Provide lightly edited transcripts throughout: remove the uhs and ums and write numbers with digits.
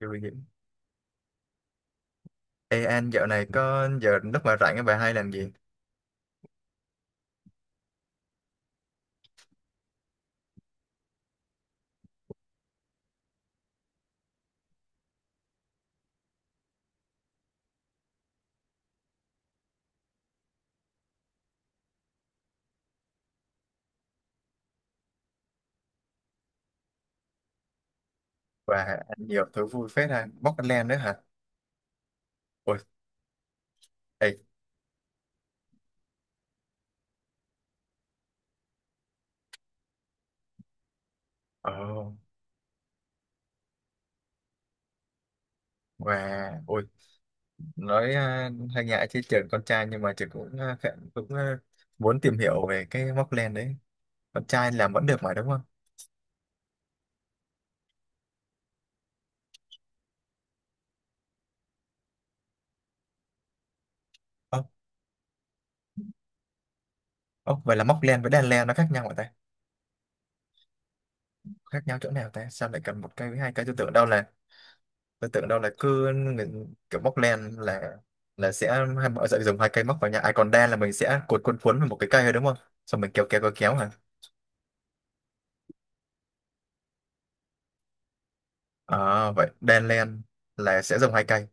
Vui vậy. Ê anh dạo này có giờ lúc mà rảnh bà hay làm gì? Và anh nhiều thứ vui phết ha. Bóc anh lem nữa hả? Ôi, ê, ồ, và ôi, nói à, hay ngại chứ trường con trai nhưng mà trường cũng à, khá- cũng à, muốn tìm hiểu về cái móc len đấy. Con trai làm vẫn được mà đúng không? Ồ, ồ, vậy là móc len với đan len nó khác nhau hả ta? Khác nhau chỗ nào ta? Sao lại cần một cây với hai cây? Tôi tưởng đâu là cứ người- kiểu móc len là sẽ hai mọi sẽ dùng hai cây móc vào nhau ai còn đen là mình sẽ cuốn cuốn cuốn vào một cái cây thôi đúng không xong mình kéo kéo kéo kéo hả à vậy đen len là sẽ dùng hai cây.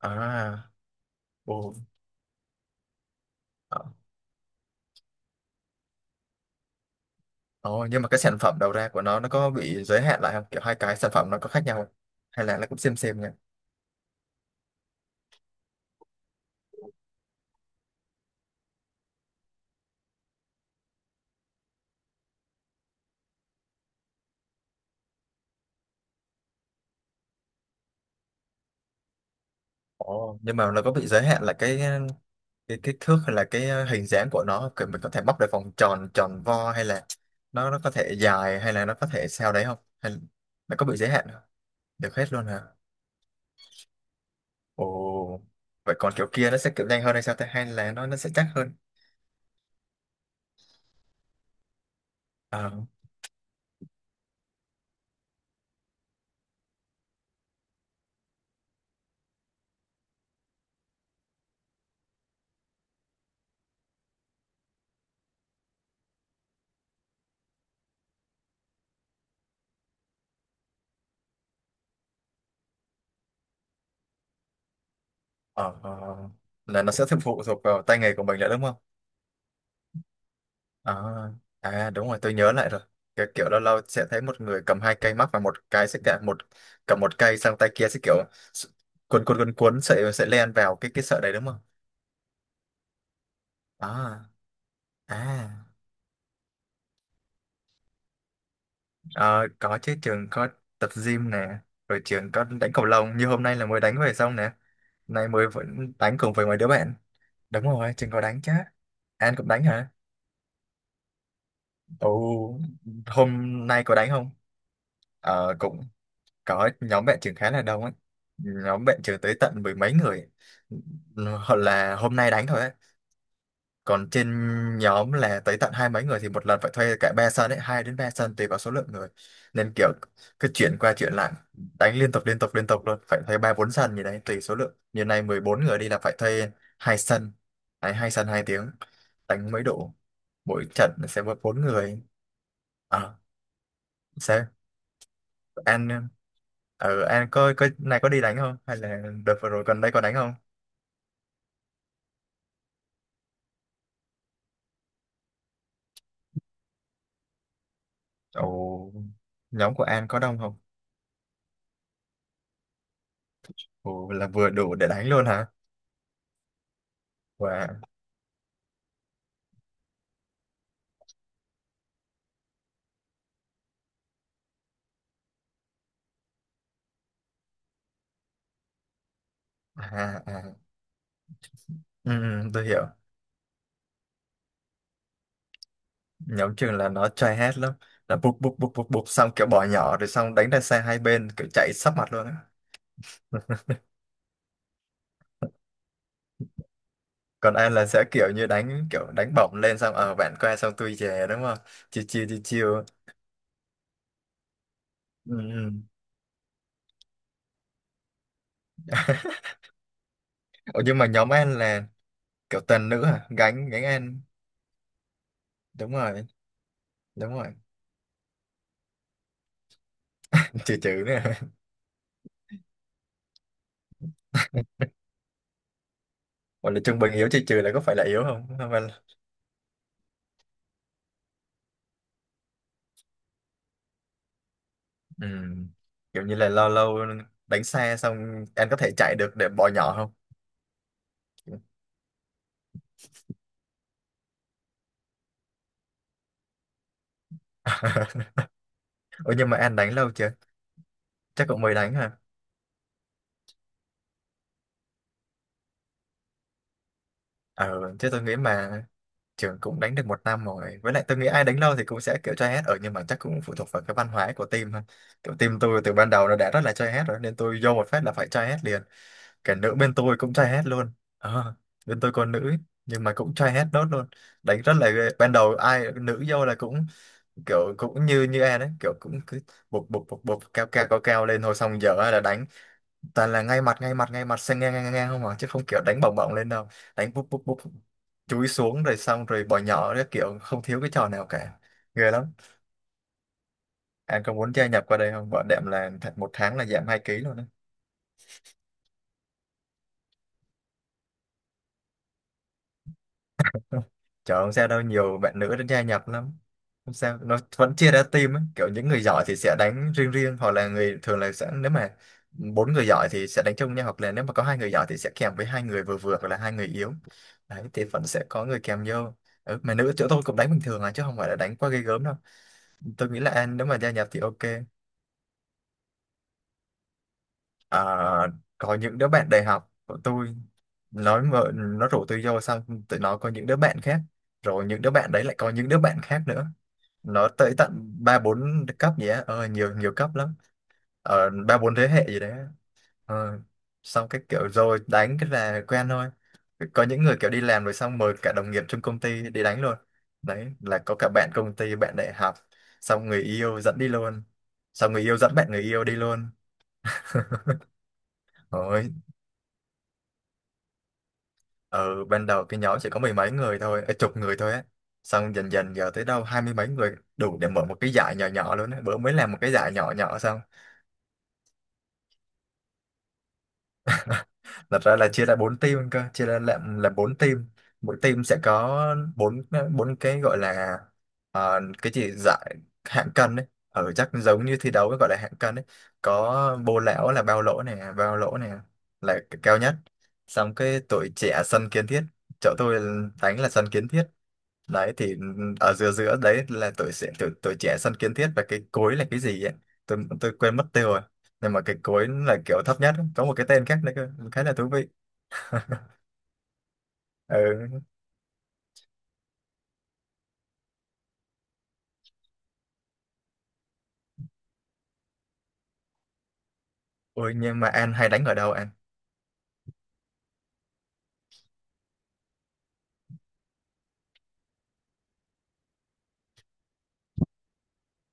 À, ồ, ờ, ồ, nhưng mà cái sản phẩm đầu ra của nó có bị giới hạn lại không kiểu hai cái sản phẩm nó có khác nhau không? Hay là nó cũng xem nhỉ? Ồ. Nhưng mà nó có bị giới hạn là cái kích thước hay là cái hình dáng của nó kiểu mình có thể bóc được vòng tròn tròn vo hay là nó có thể dài hay là nó có thể sao đấy không hay nó có bị giới hạn không? Được hết luôn hả? Ồ, vậy còn kiểu kia nó sẽ kiểu nhanh hơn hay sao ta hay là nó sẽ chắc hơn? Ờ, ờ, ờ. Là nó sẽ phụ thuộc vào tay nghề của mình nữa đúng không? À, à đúng rồi tôi nhớ lại rồi cái kiểu lâu lâu sẽ thấy một người cầm hai cây mắc và một cái sẽ cả một cầm một cây sang tay kia sẽ kiểu s- cuốn cuốn cuốn cuốn sợi sợi len vào cái sợi đấy đúng không? À, à, ờ, có chứ trường có tập gym nè rồi trường có đánh cầu lông như hôm nay là mới đánh về xong nè, nay mới vẫn đánh cùng với mấy đứa bạn. Đúng rồi trường có đánh chứ. An cũng đánh hả? Ồ, hôm nay có đánh không? Ờ cũng có, nhóm bạn trường khá là đông ấy, nhóm bạn trường tới tận mười mấy người, hoặc là hôm nay đánh thôi ấy. Còn trên nhóm là tới tận hai mấy người thì một lần phải thuê cả ba sân ấy, hai đến ba sân tùy vào số lượng người, nên kiểu cứ chuyển qua chuyển lại đánh liên tục liên tục liên tục luôn, phải thuê ba bốn sân gì đấy tùy số lượng, như này 14 người đi là phải thuê hai sân. Đấy, hai sân 2 tiếng đánh mới đủ, mỗi trận sẽ có bốn người. À, sao An ở An có này có đi đánh không hay là đợt vừa rồi gần đây có đánh không? Ồ nhóm của An có đông không? Ồ là vừa đủ để đánh luôn hả? Và à, à. Ừ, ừ, tôi hiểu. Nhóm trường là nó chơi hết lắm, là bụp bụp bụp bụp bụp xong kiểu bỏ nhỏ rồi xong đánh ra xe hai bên kiểu chạy sấp mặt luôn á. Còn An là sẽ kiểu như đánh kiểu đánh bổng lên xong ở bạn qua xong tôi về đúng không, chiêu chiêu chiêu chiêu. Ừ. Ừ. Ủa nhưng mà nhóm An là kiểu toàn nữ hả? Gánh, gánh An. Đúng rồi, đúng rồi. Trừ trừ nữa gọi là trung bình yếu trừ trừ là có phải là yếu không? Không phải là- ừ. Kiểu như là lâu lâu đánh xe xong anh có thể chạy được để bỏ nhỏ không? Ủa nhưng mà anh đánh lâu chưa? Chắc cũng mới đánh hả? Ờ chứ tôi nghĩ mà trường cũng đánh được 1 năm rồi, với lại tôi nghĩ ai đánh lâu thì cũng sẽ kiểu try hết ở, nhưng mà chắc cũng phụ thuộc vào cái văn hóa của team thôi. Kiểu team tôi từ ban đầu nó đã rất là try hết rồi nên tôi vô một phát là phải try hết liền. Cả nữ bên tôi cũng try hết luôn. Ờ, bên tôi còn nữ ấy, nhưng mà cũng try hết nốt luôn, đánh rất là ghê. Ban đầu ai nữ vô là cũng kiểu cũng như như em đấy kiểu cũng cứ bục bục bục bục cao cao cao cao lên thôi, xong giờ là đánh toàn là ngay mặt ngay mặt ngay mặt sang ngang ngang ngang không à, chứ không kiểu đánh bổng bổng lên đâu, đánh bục bục bục chúi xuống rồi xong rồi bỏ nhỏ đấy kiểu không thiếu cái trò nào cả, ghê lắm. Anh có muốn gia nhập qua đây không? Bọn đệm là th- một tháng là giảm 2 ký luôn. Trời không sao đâu, nhiều bạn nữ đã gia nhập lắm. Không sao, nó vẫn chia ra team ấy. Kiểu những người giỏi thì sẽ đánh riêng riêng, hoặc là người thường là sẽ, nếu mà bốn người giỏi thì sẽ đánh chung nhau, hoặc là nếu mà có hai người giỏi thì sẽ kèm với hai người vừa vừa, hoặc là hai người yếu. Đấy, thì vẫn sẽ có người kèm vô. Ừ, mà nữ chỗ tôi cũng đánh bình thường à, chứ không phải là đánh quá ghê gớm đâu. Tôi nghĩ là anh nếu mà gia nhập thì ok. À, có những đứa bạn đại học của tôi, nói mà, nó rủ tôi vô xong, tụi nó có những đứa bạn khác. Rồi những đứa bạn đấy lại có những đứa bạn khác nữa, nó tới tận ba bốn cấp gì á, nhiều nhiều cấp lắm, ờ ba bốn thế hệ gì đấy á. Ờ, xong cái kiểu rồi đánh cái là quen thôi, có những người kiểu đi làm rồi xong mời cả đồng nghiệp trong công ty đi đánh luôn. Đấy là có cả bạn công ty bạn đại học, xong người yêu dẫn đi luôn, xong người yêu dẫn bạn người yêu đi luôn. Rồi ở ban đầu cái nhóm chỉ có mười mấy người thôi, chục người thôi á, xong dần dần giờ tới đâu hai mươi mấy người đủ để mở một cái giải nhỏ nhỏ luôn á, bữa mới làm một cái giải nhỏ nhỏ xong. Thật ra là chia ra bốn team cơ, chia ra làm là bốn team, mỗi team sẽ có bốn bốn cái gọi là cái gì giải hạng cân đấy, ở chắc giống như thi đấu gọi là hạng cân đấy. Có bô lão là bao lỗ này bao lỗ này, là cái cao nhất. Xong cái tuổi trẻ sân kiến thiết, chỗ tôi đánh là sân kiến thiết. Đấy thì ở giữa giữa đấy là tuổi trẻ tuổi, tuổi trẻ sân kiến thiết và cái cối là cái gì ấy, tôi quên mất tiêu rồi, nhưng mà cái cối là kiểu thấp nhất, có một cái tên khác nữa cơ, khá là thú vị. Ừ. Ôi nhưng mà An hay đánh ở đâu An?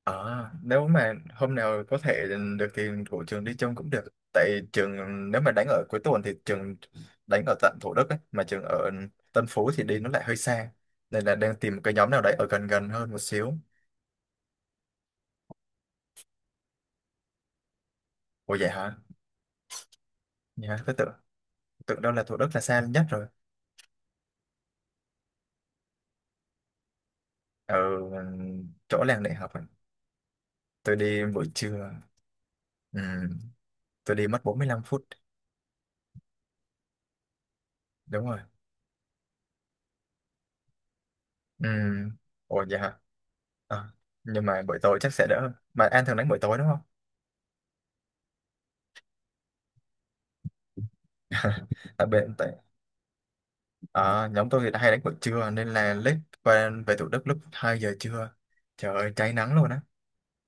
Ờ nếu mà hôm nào có thể được thì của trường đi chung cũng được, tại trường nếu mà đánh ở cuối tuần thì trường đánh ở tận Thủ Đức ấy, mà trường ở Tân Phú thì đi nó lại hơi xa, nên là đang tìm cái nhóm nào đấy ở gần gần hơn một xíu. Ủa vậy hả? Nhá tôi tưởng, tưởng đâu là Thủ Đức là xa nhất rồi. Ở chỗ làng đại học ấy. Tôi đi buổi trưa, ừ, tôi đi mất 45 phút. Đúng rồi. Ừ. Ủa vậy hả? Ờ, nhưng mà buổi tối chắc sẽ đỡ hơn. Mà An thường đánh buổi tối đúng không? Tại bên tại ờ, nhóm tôi thì đã hay đánh buổi trưa nên là lết qua về Thủ Đức lúc 2 giờ trưa, trời ơi cháy nắng luôn á,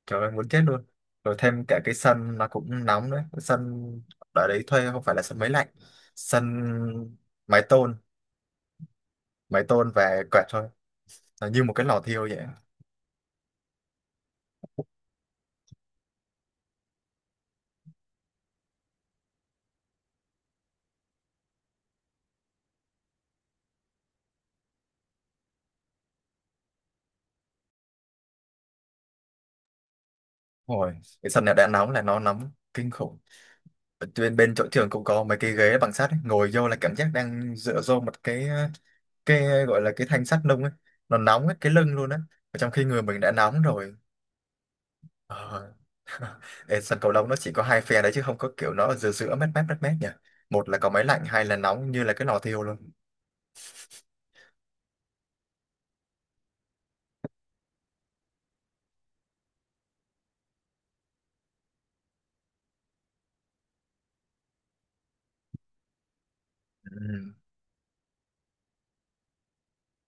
trời ơi muốn chết luôn. Rồi thêm cả cái sân nó cũng nóng đấy. Cái sân ở đấy thuê không phải là sân máy lạnh, sân mái tôn, mái tôn và quẹt thôi, nó như một cái lò thiêu vậy. Ôi, cái sân này đã nóng là nó nóng kinh khủng. Bên bên chỗ trường cũng có mấy cái ghế bằng sắt ấy, ngồi vô là cảm giác đang dựa vô một cái gọi là cái thanh sắt nung ấy, nó nóng hết cái lưng luôn á. Và trong khi người mình đã nóng rồi, ờ. Ê, sân cầu lông nó chỉ có hai phe đấy chứ không có kiểu nó ở giữa giữa mát mát mát mát nhỉ, một là có máy lạnh hai là nóng như là cái lò thiêu luôn. Ừ.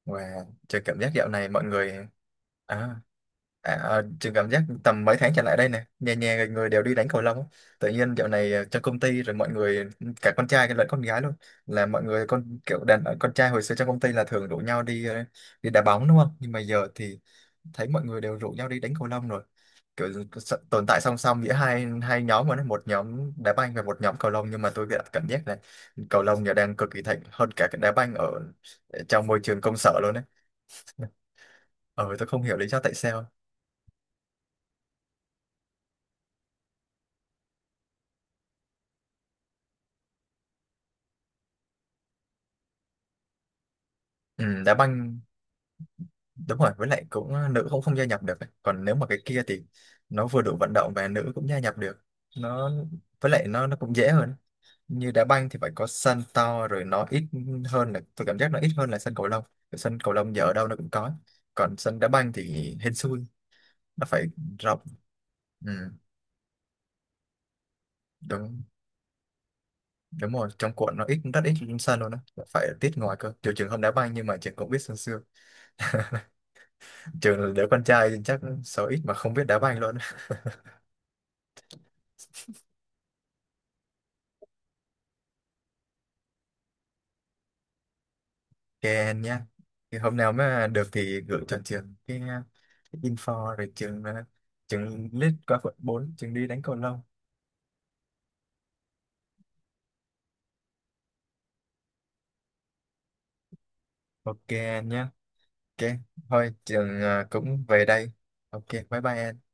Wow, chơi cảm giác dạo này mọi người à, À, à, trường cảm giác tầm mấy tháng trở lại đây nè nhà nhà người đều đi đánh cầu lông á. Tự nhiên dạo này trong công ty rồi mọi người cả con trai lẫn con gái luôn, là mọi người con kiểu đàn ờ, con trai hồi xưa trong công ty là thường rủ nhau đi đi đá bóng đúng không, nhưng mà giờ thì thấy mọi người đều rủ nhau đi đánh cầu lông rồi, kiểu s- tồn tại song song giữa hai hai nhóm mà nó một nhóm đá banh và một nhóm cầu lông, nhưng mà tôi cảm cảm giác là cầu lông giờ đang cực kỳ thịnh hơn cả cái đá banh ở trong môi trường công sở luôn đấy. Ờ tôi không hiểu lý do tại sao. Ừ, đá banh đúng rồi, với lại cũng nữ cũng không gia nhập được ấy, còn nếu mà cái kia thì nó vừa đủ vận động và nữ cũng gia nhập được. Nó với lại nó cũng dễ hơn, như đá banh thì phải có sân to rồi nó ít hơn là tôi cảm giác nó ít hơn là sân cầu lông. Cái sân cầu lông giờ ở đâu nó cũng có, còn sân đá banh thì hên xui, nó phải rộng. Ừ, đúng đúng rồi trong quận nó ít rất ít sân luôn á, phải tiết ngoài cơ, trừ trường không đá banh nhưng mà trường cũng biết sân xưa, trường là đứa con trai chắc số ít mà không biết đá banh luôn. Ok anh nhé. Thì hôm nào mà được thì gửi cho trường cái info rồi trường trường list qua quận 4, trường đi đánh cầu lông. Ok anh nhé. Ok. Thôi trường cũng về đây. Ok, bye bye anh.